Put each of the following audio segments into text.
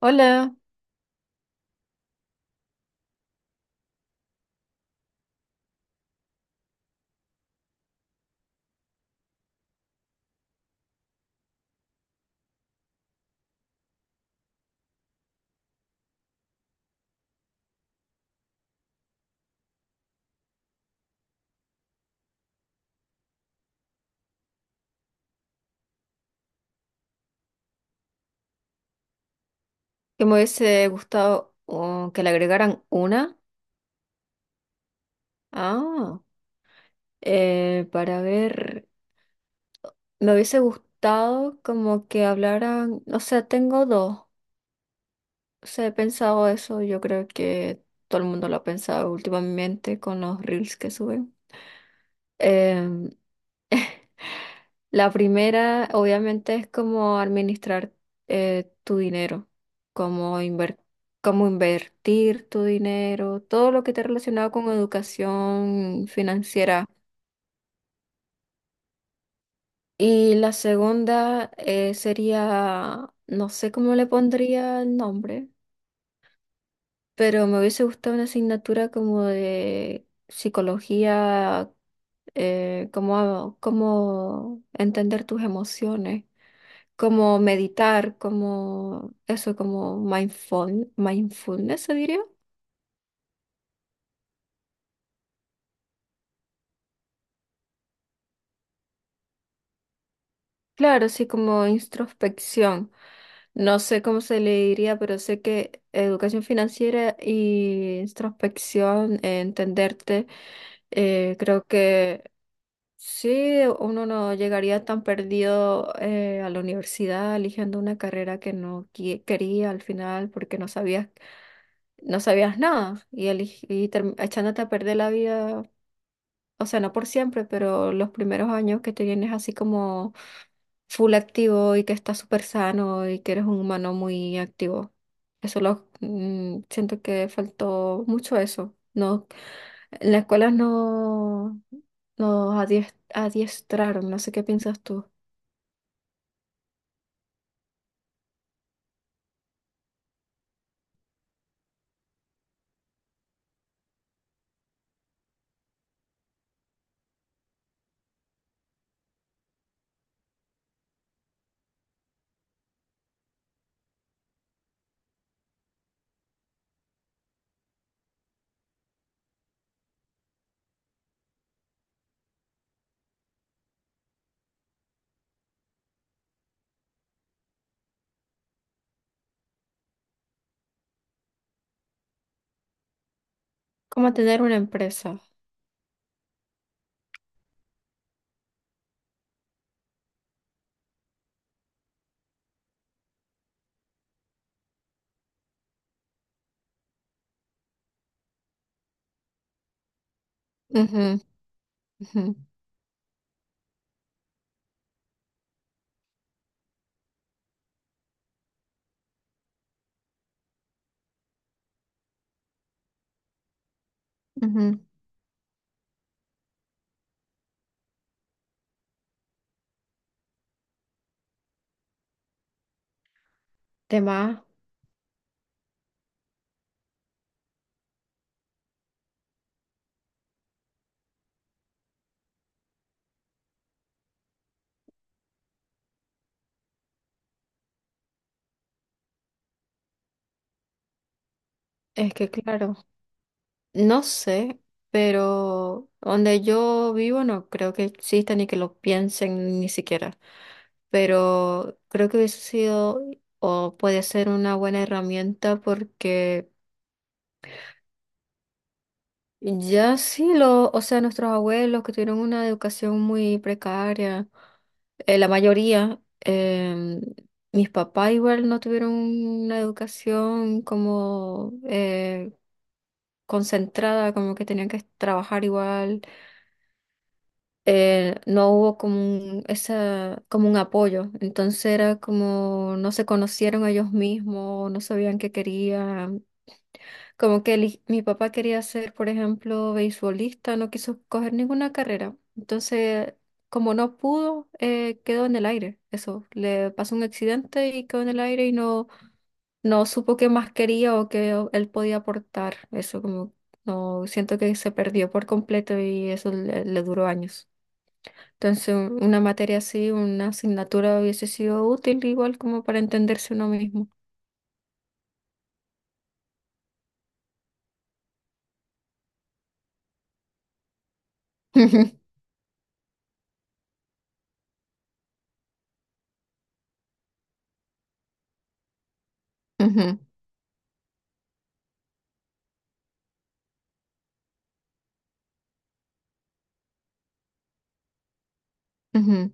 Hola, que me hubiese gustado que le agregaran una. Ah, para ver, me hubiese gustado como que hablaran, o sea, tengo dos. O sea, he pensado eso, yo creo que todo el mundo lo ha pensado últimamente con los reels que suben. La primera, obviamente, es como administrar tu dinero, como inver- como invertir tu dinero, todo lo que esté relacionado con educación financiera. Y la segunda sería, no sé cómo le pondría el nombre. Pero me hubiese gustado una asignatura como de psicología, cómo entender tus emociones, cómo meditar, cómo eso, como mindfulness, se diría. Claro, sí, como introspección. No sé cómo se le diría, pero sé que educación financiera y introspección, entenderte, creo que sí, uno no llegaría tan perdido a la universidad eligiendo una carrera que no qui- quería al final porque no sabías, no sabías nada y echándote a perder la vida, o sea, no por siempre, pero los primeros años que te vienes así como full activo y que estás súper sano y que eres un humano muy activo. Eso lo siento que faltó mucho eso. No, en la escuela no nos adiestraron, no sé qué piensas tú. Como tener una empresa. Ujú, ujú, ujú. Tema es que, claro. No sé, pero donde yo vivo no creo que exista ni que lo piensen ni siquiera. Pero creo que hubiese sido o puede ser una buena herramienta porque ya sí lo, o sea, nuestros abuelos que tuvieron una educación muy precaria, la mayoría, mis papás igual no tuvieron una educación como concentrada, como que tenían que trabajar igual, no hubo como un, esa, como un apoyo. Entonces era como no se conocieron ellos mismos, no sabían qué querían. Mi papá quería ser, por ejemplo, beisbolista, no quiso coger ninguna carrera. Entonces, como no pudo, quedó en el aire. Eso, le pasó un accidente y quedó en el aire y no, no supo qué más quería o él podía aportar. Eso como no siento que se perdió por completo y eso le duró años. Entonces, una materia así, una asignatura hubiese sido útil igual como para entenderse uno mismo. Ujú, ujú, ujú.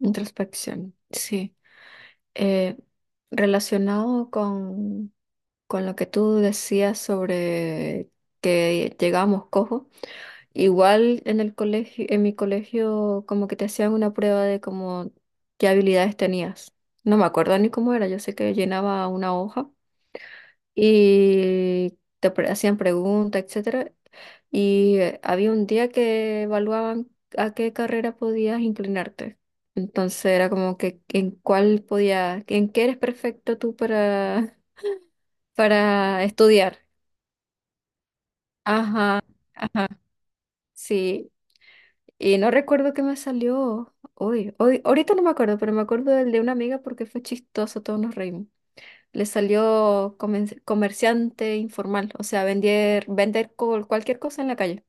Introspección, sí. Eh, Relacionado con lo que tú decías sobre que llegábamos cojos, igual en el colegio, en mi colegio como que te hacían una prueba de como qué habilidades tenías. No me acuerdo ni cómo era, yo sé que llenaba una hoja y hacían preguntas, etcétera. Y había un día que evaluaban a qué carrera podías inclinarte. Entonces era como que en cuál podías, en qué eres perfecto tú para, para estudiar. Ajá, sí. Y no recuerdo qué me salió hoy. Hoy, ahorita no me acuerdo, pero me acuerdo del de una amiga porque fue chistoso, todos nos reímos. Le salió comerciante informal, o sea, vender, vender cualquier cosa en la calle.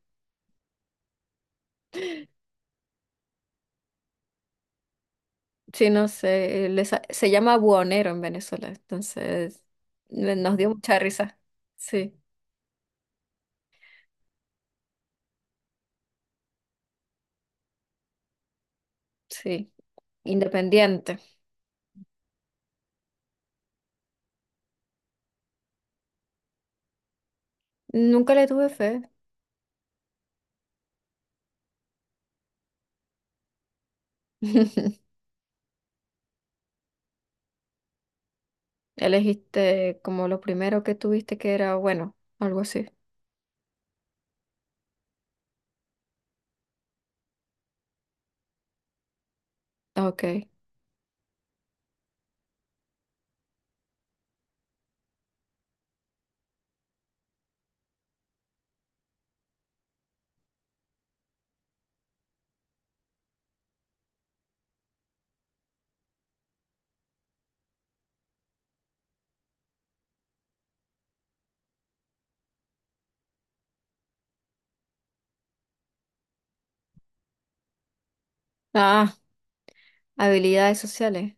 Sí, no sé, se llama buhonero en Venezuela, entonces nos dio mucha risa. Sí, sí, independiente. Nunca le tuve fe. Elegiste como lo primero que tuviste que era bueno, algo así. Ok. Ah, habilidades sociales.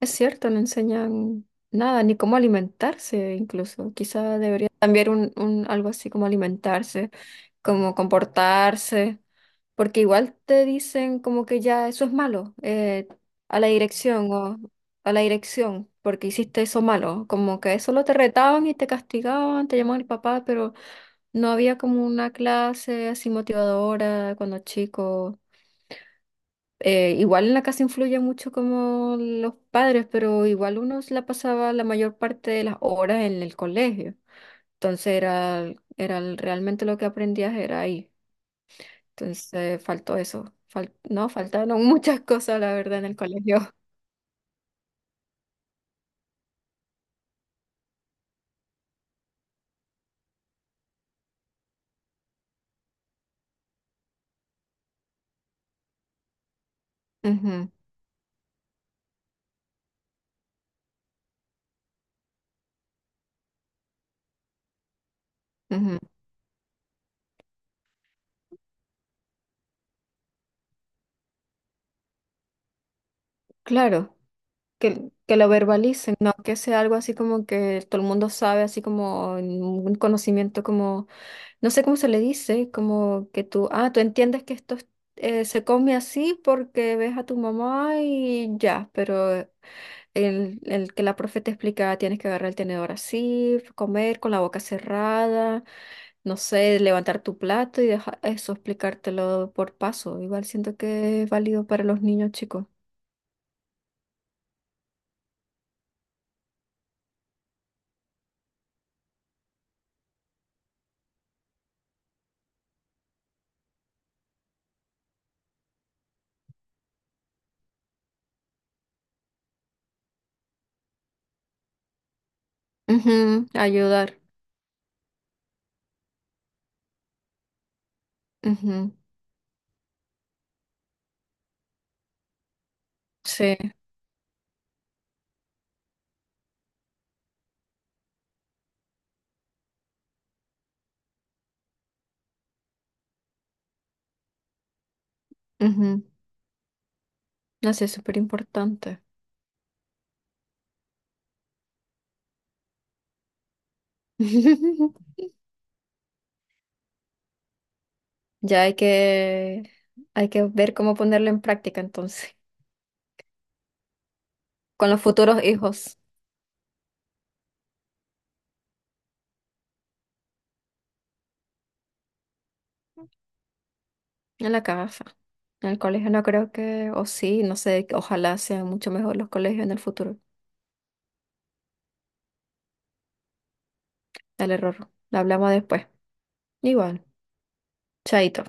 Es cierto, no enseñan nada, ni cómo alimentarse incluso. Quizá debería cambiar un algo así como alimentarse, como comportarse. Porque igual te dicen como que ya eso es malo, a la dirección o a la dirección, porque hiciste eso malo. Como que solo te retaban y te castigaban, te llamaban el papá, pero no había como una clase así motivadora cuando chico. Igual en la casa influye mucho como los padres, pero igual uno se la pasaba la mayor parte de las horas en el colegio. Entonces era, era realmente lo que aprendías era ahí. Entonces, faltó eso. Fal- no, Faltaron muchas cosas, la verdad, en el colegio. Ujú, ujú. Claro, que lo verbalicen, no que sea algo así como que todo el mundo sabe, así como en un conocimiento como, no sé cómo se le dice, como que tú, ah, tú entiendes que esto es- se come así porque ves a tu mamá y ya, pero el que la profe te explica, tienes que agarrar el tenedor así, comer con la boca cerrada. No sé, levantar tu plato y dejar eso, explicártelo por paso. Igual siento que es válido para los niños chicos. Ujú, ayudar. Ujú, sí, ujú. No sé, es súper importante. Ya hay que ver cómo ponerlo en práctica entonces, con los futuros hijos en la casa. En el colegio no creo que, o sí, no sé, ojalá sean mucho mejor los colegios en el futuro. El error. Lo hablamos después. Igual, chaito.